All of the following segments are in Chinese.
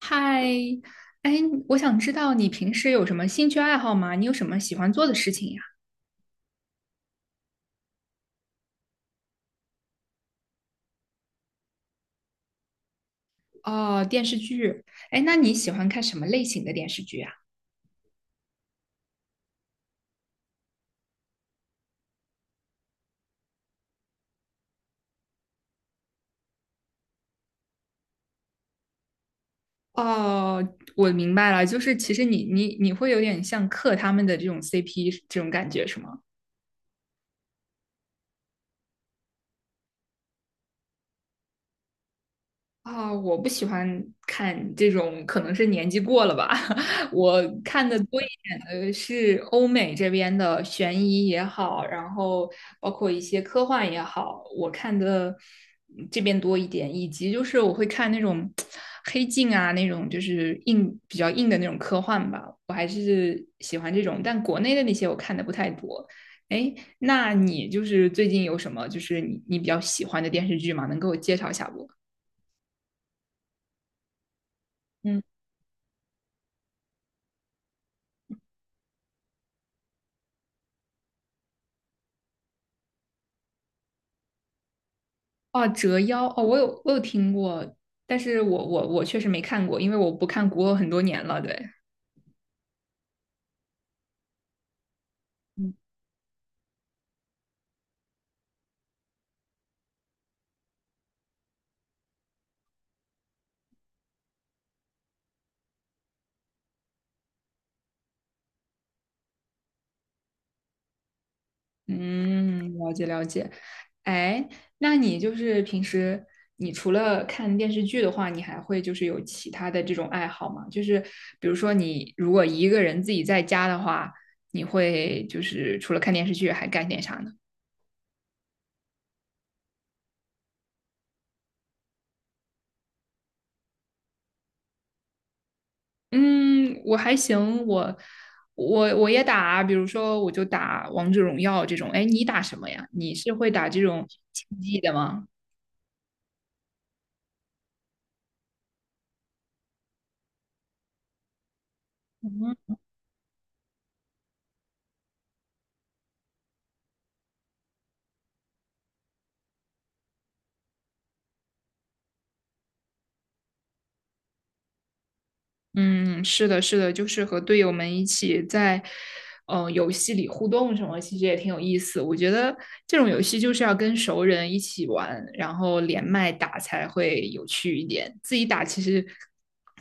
嗨，哎，我想知道你平时有什么兴趣爱好吗？你有什么喜欢做的事情呀？哦，电视剧。哎，那你喜欢看什么类型的电视剧啊？哦，我明白了，就是其实你会有点像克他们的这种 CP 这种感觉是吗？啊，我不喜欢看这种，可能是年纪过了吧。我看的多一点的是欧美这边的悬疑也好，然后包括一些科幻也好，我看的这边多一点，以及就是我会看那种 黑镜啊，那种就是硬比较硬的那种科幻吧，我还是喜欢这种。但国内的那些我看的不太多。哎，那你就是最近有什么就是你比较喜欢的电视剧吗？能给我介绍一下不？嗯。哦，折腰哦，我有听过，但是我确实没看过，因为我不看古偶很多年了。对，嗯，嗯，了解了解。哎，那你就是平时你除了看电视剧的话，你还会就是有其他的这种爱好吗？就是比如说你如果一个人自己在家的话，你会就是除了看电视剧还干点啥呢？嗯，我还行，我也打，比如说我就打王者荣耀这种。哎，你打什么呀？你是会打这种竞技的吗？嗯，是的，是的，就是和队友们一起在游戏里互动什么，其实也挺有意思。我觉得这种游戏就是要跟熟人一起玩，然后连麦打才会有趣一点。自己打其实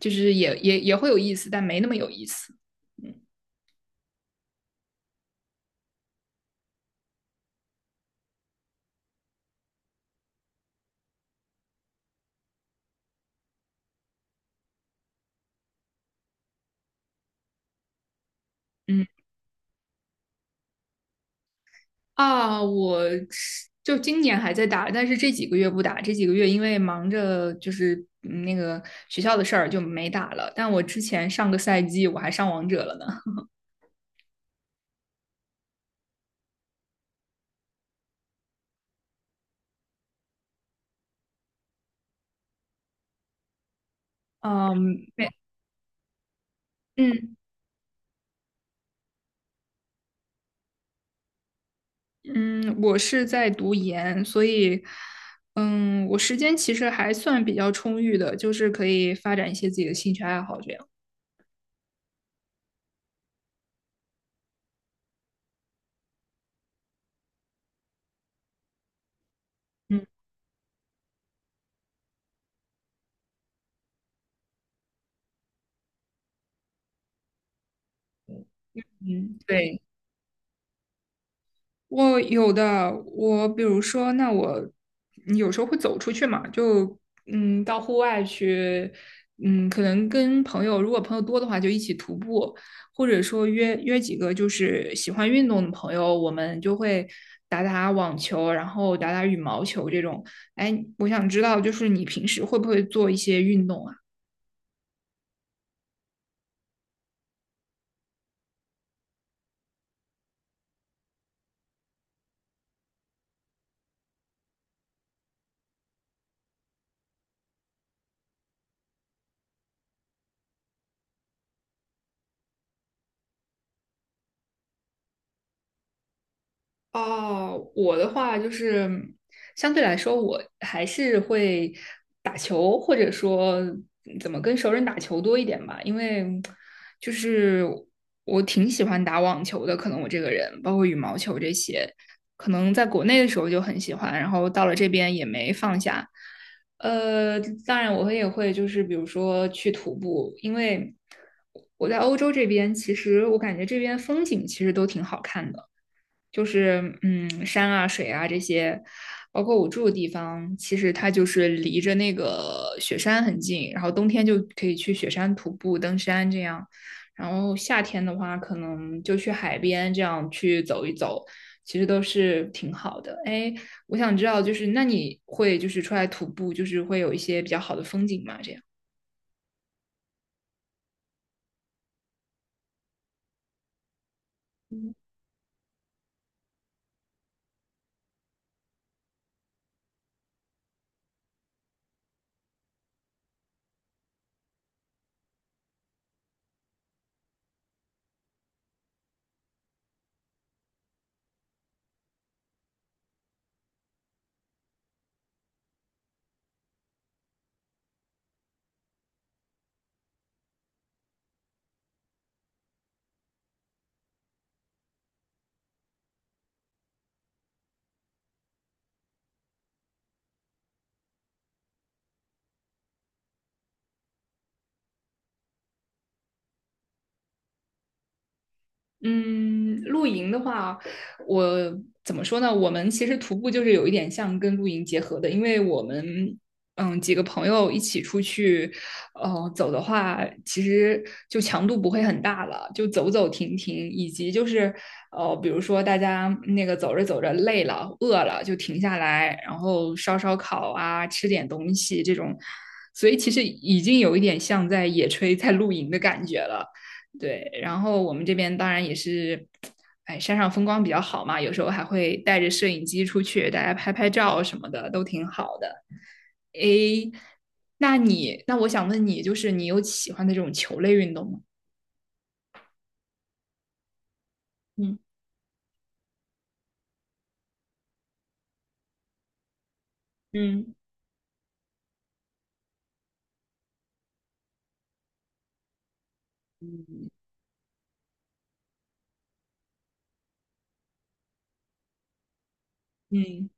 就是也会有意思，但没那么有意思。嗯嗯。啊，我是就今年还在打，但是这几个月不打，这几个月因为忙着就是那个学校的事儿就没打了。但我之前上个赛季我还上王者了呢。嗯，没，嗯嗯，我是在读研，所以我时间其实还算比较充裕的，就是可以发展一些自己的兴趣爱好这样。嗯嗯，对。我有的，我比如说，那我有时候会走出去嘛，就到户外去，可能跟朋友，如果朋友多的话，就一起徒步，或者说约约几个就是喜欢运动的朋友，我们就会打打网球，然后打打羽毛球这种。哎，我想知道，就是你平时会不会做一些运动啊？哦，我的话就是相对来说，我还是会打球，或者说怎么跟熟人打球多一点吧，因为就是我挺喜欢打网球的，可能我这个人，包括羽毛球这些，可能在国内的时候就很喜欢，然后到了这边也没放下。呃，当然我会也会就是比如说去徒步，因为我在欧洲这边，其实我感觉这边风景其实都挺好看的。就是山啊、水啊这些，包括我住的地方，其实它就是离着那个雪山很近，然后冬天就可以去雪山徒步、登山这样，然后夏天的话，可能就去海边这样去走一走，其实都是挺好的。哎，我想知道，就是那你会就是出来徒步，就是会有一些比较好的风景吗？这样。嗯，露营的话，我怎么说呢？我们其实徒步就是有一点像跟露营结合的，因为我们几个朋友一起出去，走的话，其实就强度不会很大了，就走走停停，以及就是比如说大家那个走着走着累了、饿了，就停下来，然后烧烧烤啊，吃点东西这种，所以其实已经有一点像在野炊、在露营的感觉了。对，然后我们这边当然也是，哎，山上风光比较好嘛，有时候还会带着摄影机出去，大家拍拍照什么的，都挺好的。诶，那你，那我想问你，就是你有喜欢的这种球类运动吗？嗯嗯嗯嗯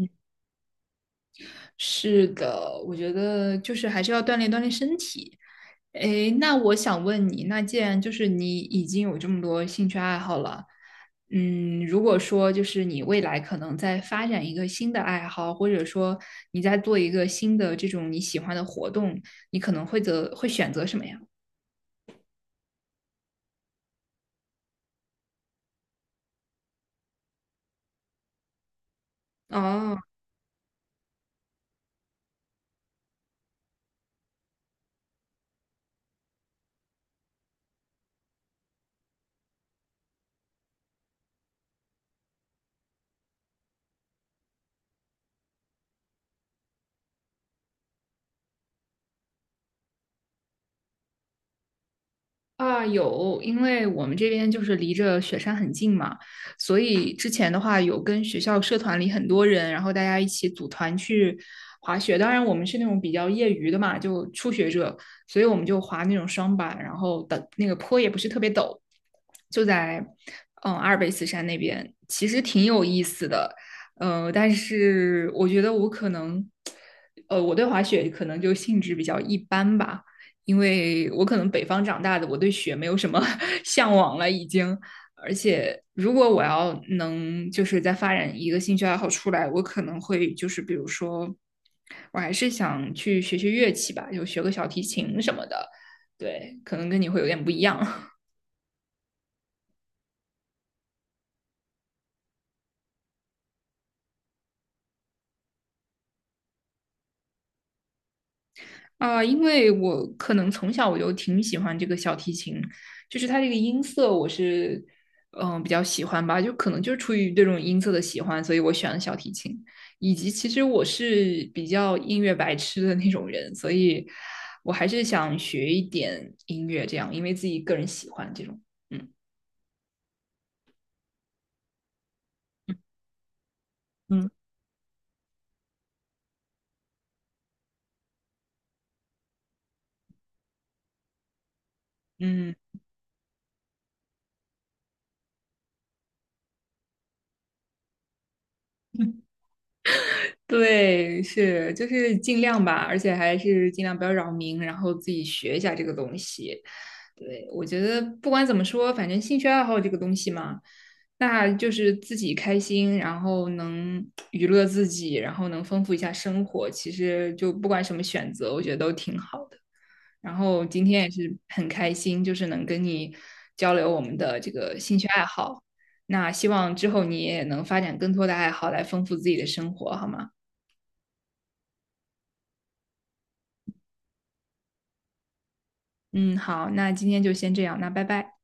嗯是的，我觉得就是还是要锻炼锻炼身体。诶，那我想问你，那既然就是你已经有这么多兴趣爱好了，嗯，如果说就是你未来可能在发展一个新的爱好，或者说你在做一个新的这种你喜欢的活动，你可能会择会选择什么呀？哦，啊，有，因为我们这边就是离着雪山很近嘛，所以之前的话有跟学校社团里很多人，然后大家一起组团去滑雪。当然，我们是那种比较业余的嘛，就初学者，所以我们就滑那种双板，然后的那个坡也不是特别陡，就在阿尔卑斯山那边，其实挺有意思的。但是我觉得我可能，我对滑雪可能就兴致比较一般吧。因为我可能北方长大的，我对雪没有什么 向往了，已经。而且，如果我要能就是再发展一个兴趣爱好出来，我可能会就是比如说，我还是想去学学乐器吧，就学个小提琴什么的。对，可能跟你会有点不一样。啊，因为我可能从小我就挺喜欢这个小提琴，就是它这个音色我是比较喜欢吧，就可能就是出于对这种音色的喜欢，所以我选了小提琴。以及其实我是比较音乐白痴的那种人，所以我还是想学一点音乐，这样因为自己个人喜欢这种。嗯嗯嗯。嗯。对，是，就是尽量吧，而且还是尽量不要扰民，然后自己学一下这个东西。对，我觉得不管怎么说，反正兴趣爱好这个东西嘛，那就是自己开心，然后能 娱乐自己，然后能丰富一下生活。其实就不管什么选择，我觉得都挺好的。然后今天也是很开心，就是能跟你交流我们的这个兴趣爱好。那希望之后你也能发展更多的爱好来丰富自己的生活，好吗？嗯，好，那今天就先这样，那拜拜。